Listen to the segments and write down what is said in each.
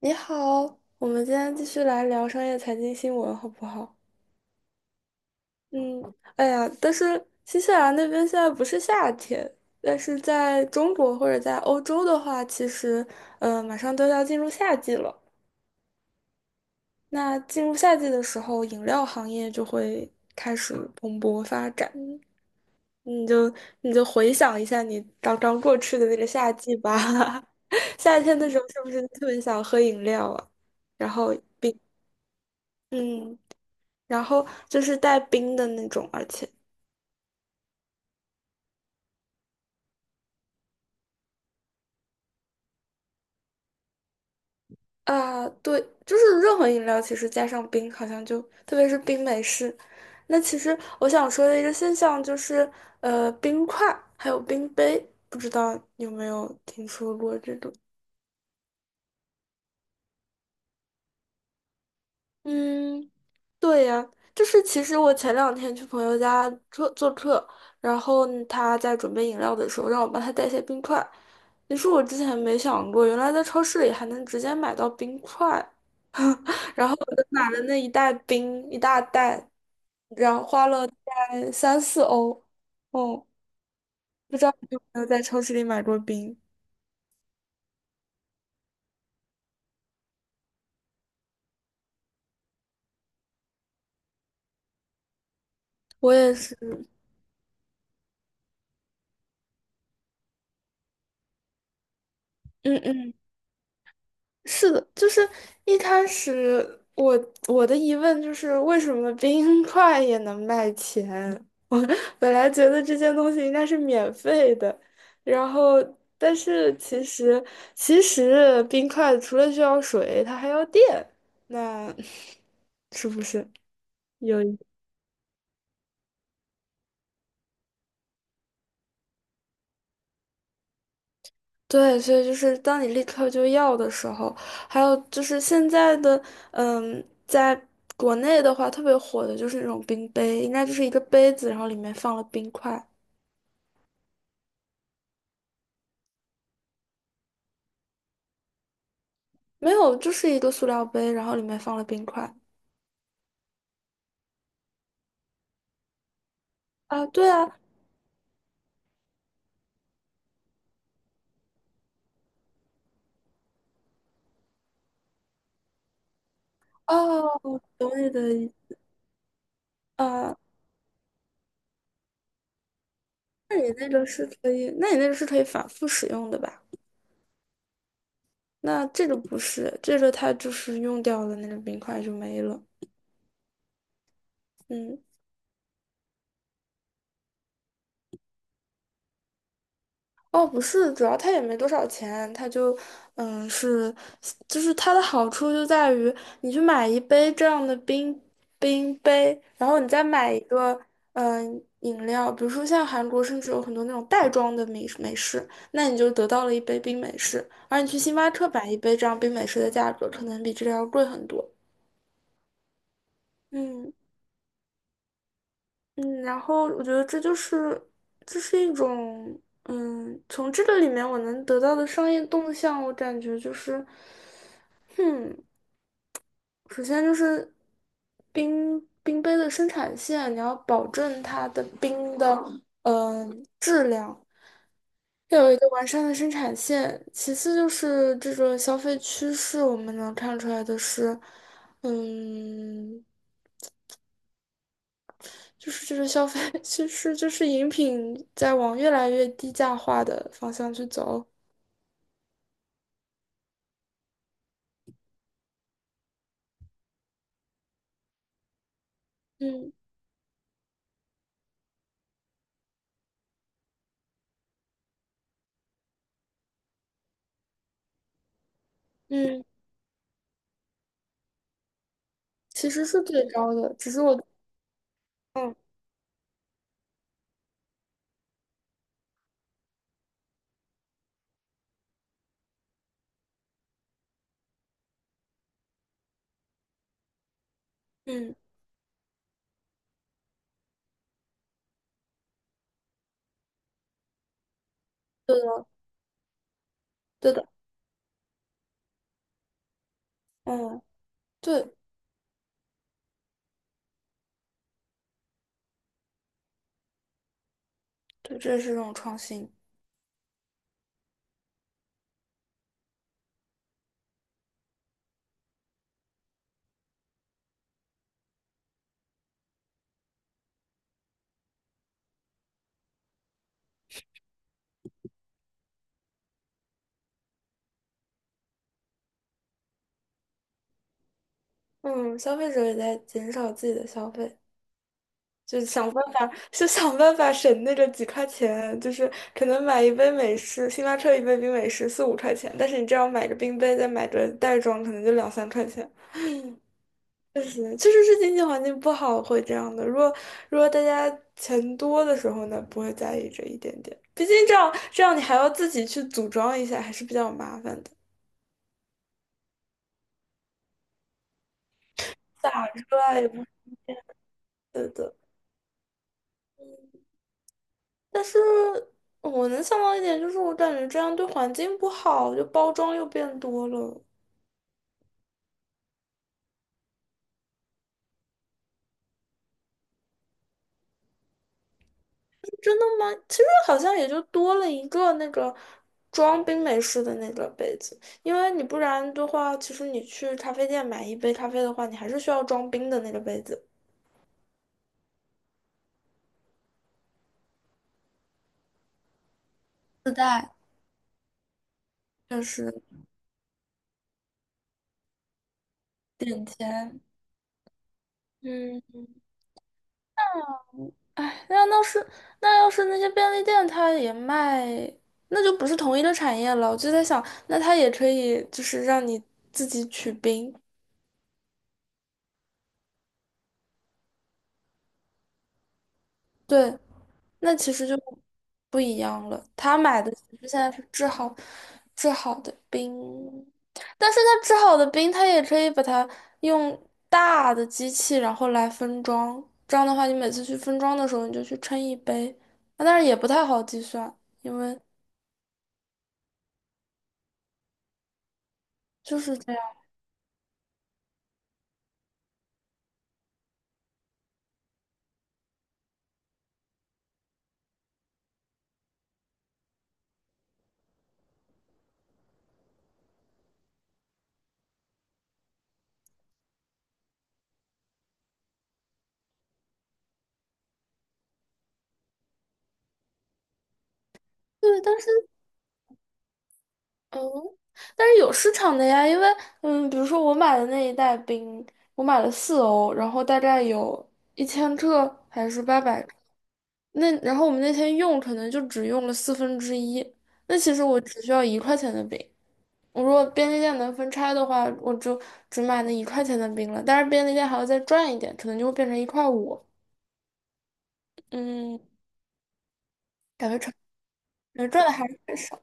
你好，我们今天继续来聊商业财经新闻，好不好？嗯，哎呀，但是新西兰那边现在不是夏天，但是在中国或者在欧洲的话，其实马上都要进入夏季了。那进入夏季的时候，饮料行业就会开始蓬勃发展。你就你就回想一下你刚刚过去的那个夏季吧，夏天的时候是不是特别想喝饮料啊？然后并嗯。然后就是带冰的那种，而且啊，对，就是任何饮料其实加上冰，好像就特别是冰美式。那其实我想说的一个现象就是，冰块还有冰杯，不知道有没有听说过这种？嗯，对呀，就是其实我前两天去朋友家做做客，然后呢他在准备饮料的时候让我帮他带些冰块。你说我之前没想过，原来在超市里还能直接买到冰块，然后我就买了那一袋冰，一大袋，然后花了大概三四欧。哦，不知道你有没有在超市里买过冰？我也是，嗯嗯。是的，就是一开始我的疑问就是为什么冰块也能卖钱？我本来觉得这些东西应该是免费的，然后但是其实冰块除了需要水，它还要电，那 是不是？有？对，所以就是当你立刻就要的时候，还有就是现在的，在国内的话特别火的就是那种冰杯，应该就是一个杯子，然后里面放了冰块，没有，就是一个塑料杯，然后里面放了冰块。啊，对啊，哦，我懂你的意，啊，那你那个是可以反复使用的吧？那这个不是，这个它就是用掉了那个冰块就没了，嗯。哦，不是，主要它也没多少钱，它就，是，就是它的好处就在于，你去买一杯这样的冰杯，然后你再买一个，饮料，比如说像韩国甚至有很多那种袋装的美式，那你就得到了一杯冰美式，而你去星巴克买一杯这样冰美式的价格，可能比这个要贵很多。嗯。嗯，然后我觉得这就是，这是一种，从这个里面我能得到的商业动向，我感觉就是，嗯，首先就是冰杯的生产线，你要保证它的冰的嗯、质量，要有一个完善的生产线。其次就是这个消费趋势，我们能看出来的是，嗯。就是这个消费，其实就是饮品在往越来越低价化的方向去走。嗯嗯，其实是最高的，只是我嗯嗯，对的对的，嗯对对，这是一种创新。嗯，消费者也在减少自己的消费，就想办法，就想办法省那个几块钱，就是可能买一杯美式，星巴克一杯冰美式四五块钱，但是你这样买个冰杯，再买个袋装，可能就两三块钱。确实是经济环境不好会这样的。如果大家钱多的时候呢，不会在意这一点点。毕竟这样你还要自己去组装一下，还是比较麻烦的。打出来也不是对的。嗯但是我能想到一点，就是我感觉这样对环境不好，就包装又变多了。真的吗？其实好像也就多了一个那个装冰美式的那个杯子，因为你不然的话，其实你去咖啡店买一杯咖啡的话，你还是需要装冰的那个杯子，自带。就是点钱。嗯，哎，那要是那些便利店它也卖，那就不是同一个产业了。我就在想，那它也可以就是让你自己取冰，对。那其实就不一样了。他买的其实现在是制好的冰，但是他制好的冰，他也可以把它用大的机器，然后来分装。这样的话，你每次去分装的时候，你就去称一杯，啊但是也不太好计算，因为就是这样。对，但是嗯，但是有市场的呀，因为比如说我买的那一袋冰，我买了四欧，然后大概有1千克还是800。那然后我们那天用可能就只用了四分之一，那其实我只需要一块钱的冰。我如果便利店能分拆的话，我就只买那一块钱的冰了。但是便利店还要再赚一点，可能就会变成1块5。嗯，感觉赚感觉赚的还是很少。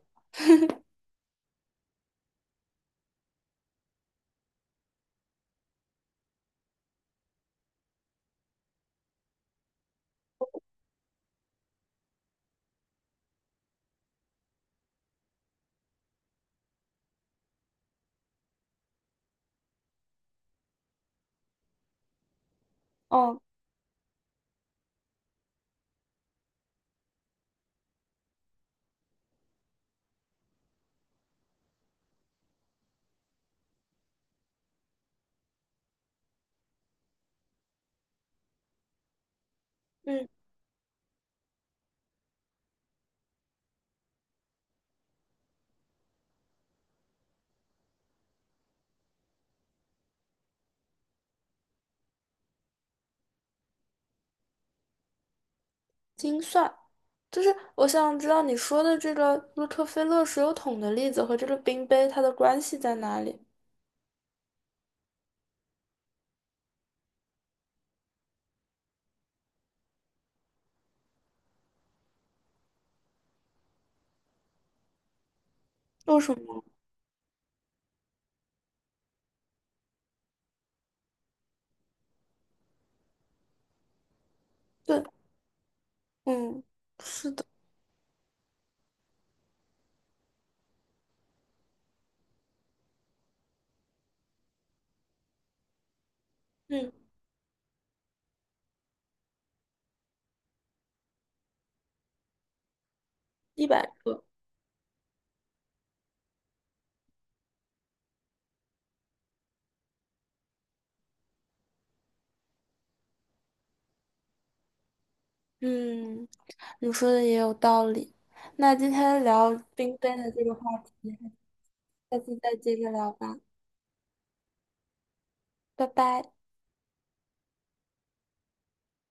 哦，嗯，精算就是我想知道你说的这个洛克菲勒石油桶的例子和这个冰杯它的关系在哪里？为什么？对，嗯，是的，嗯，100个。嗯，你说的也有道理。那今天聊冰杯的这个话题，下次再接着聊吧，拜拜。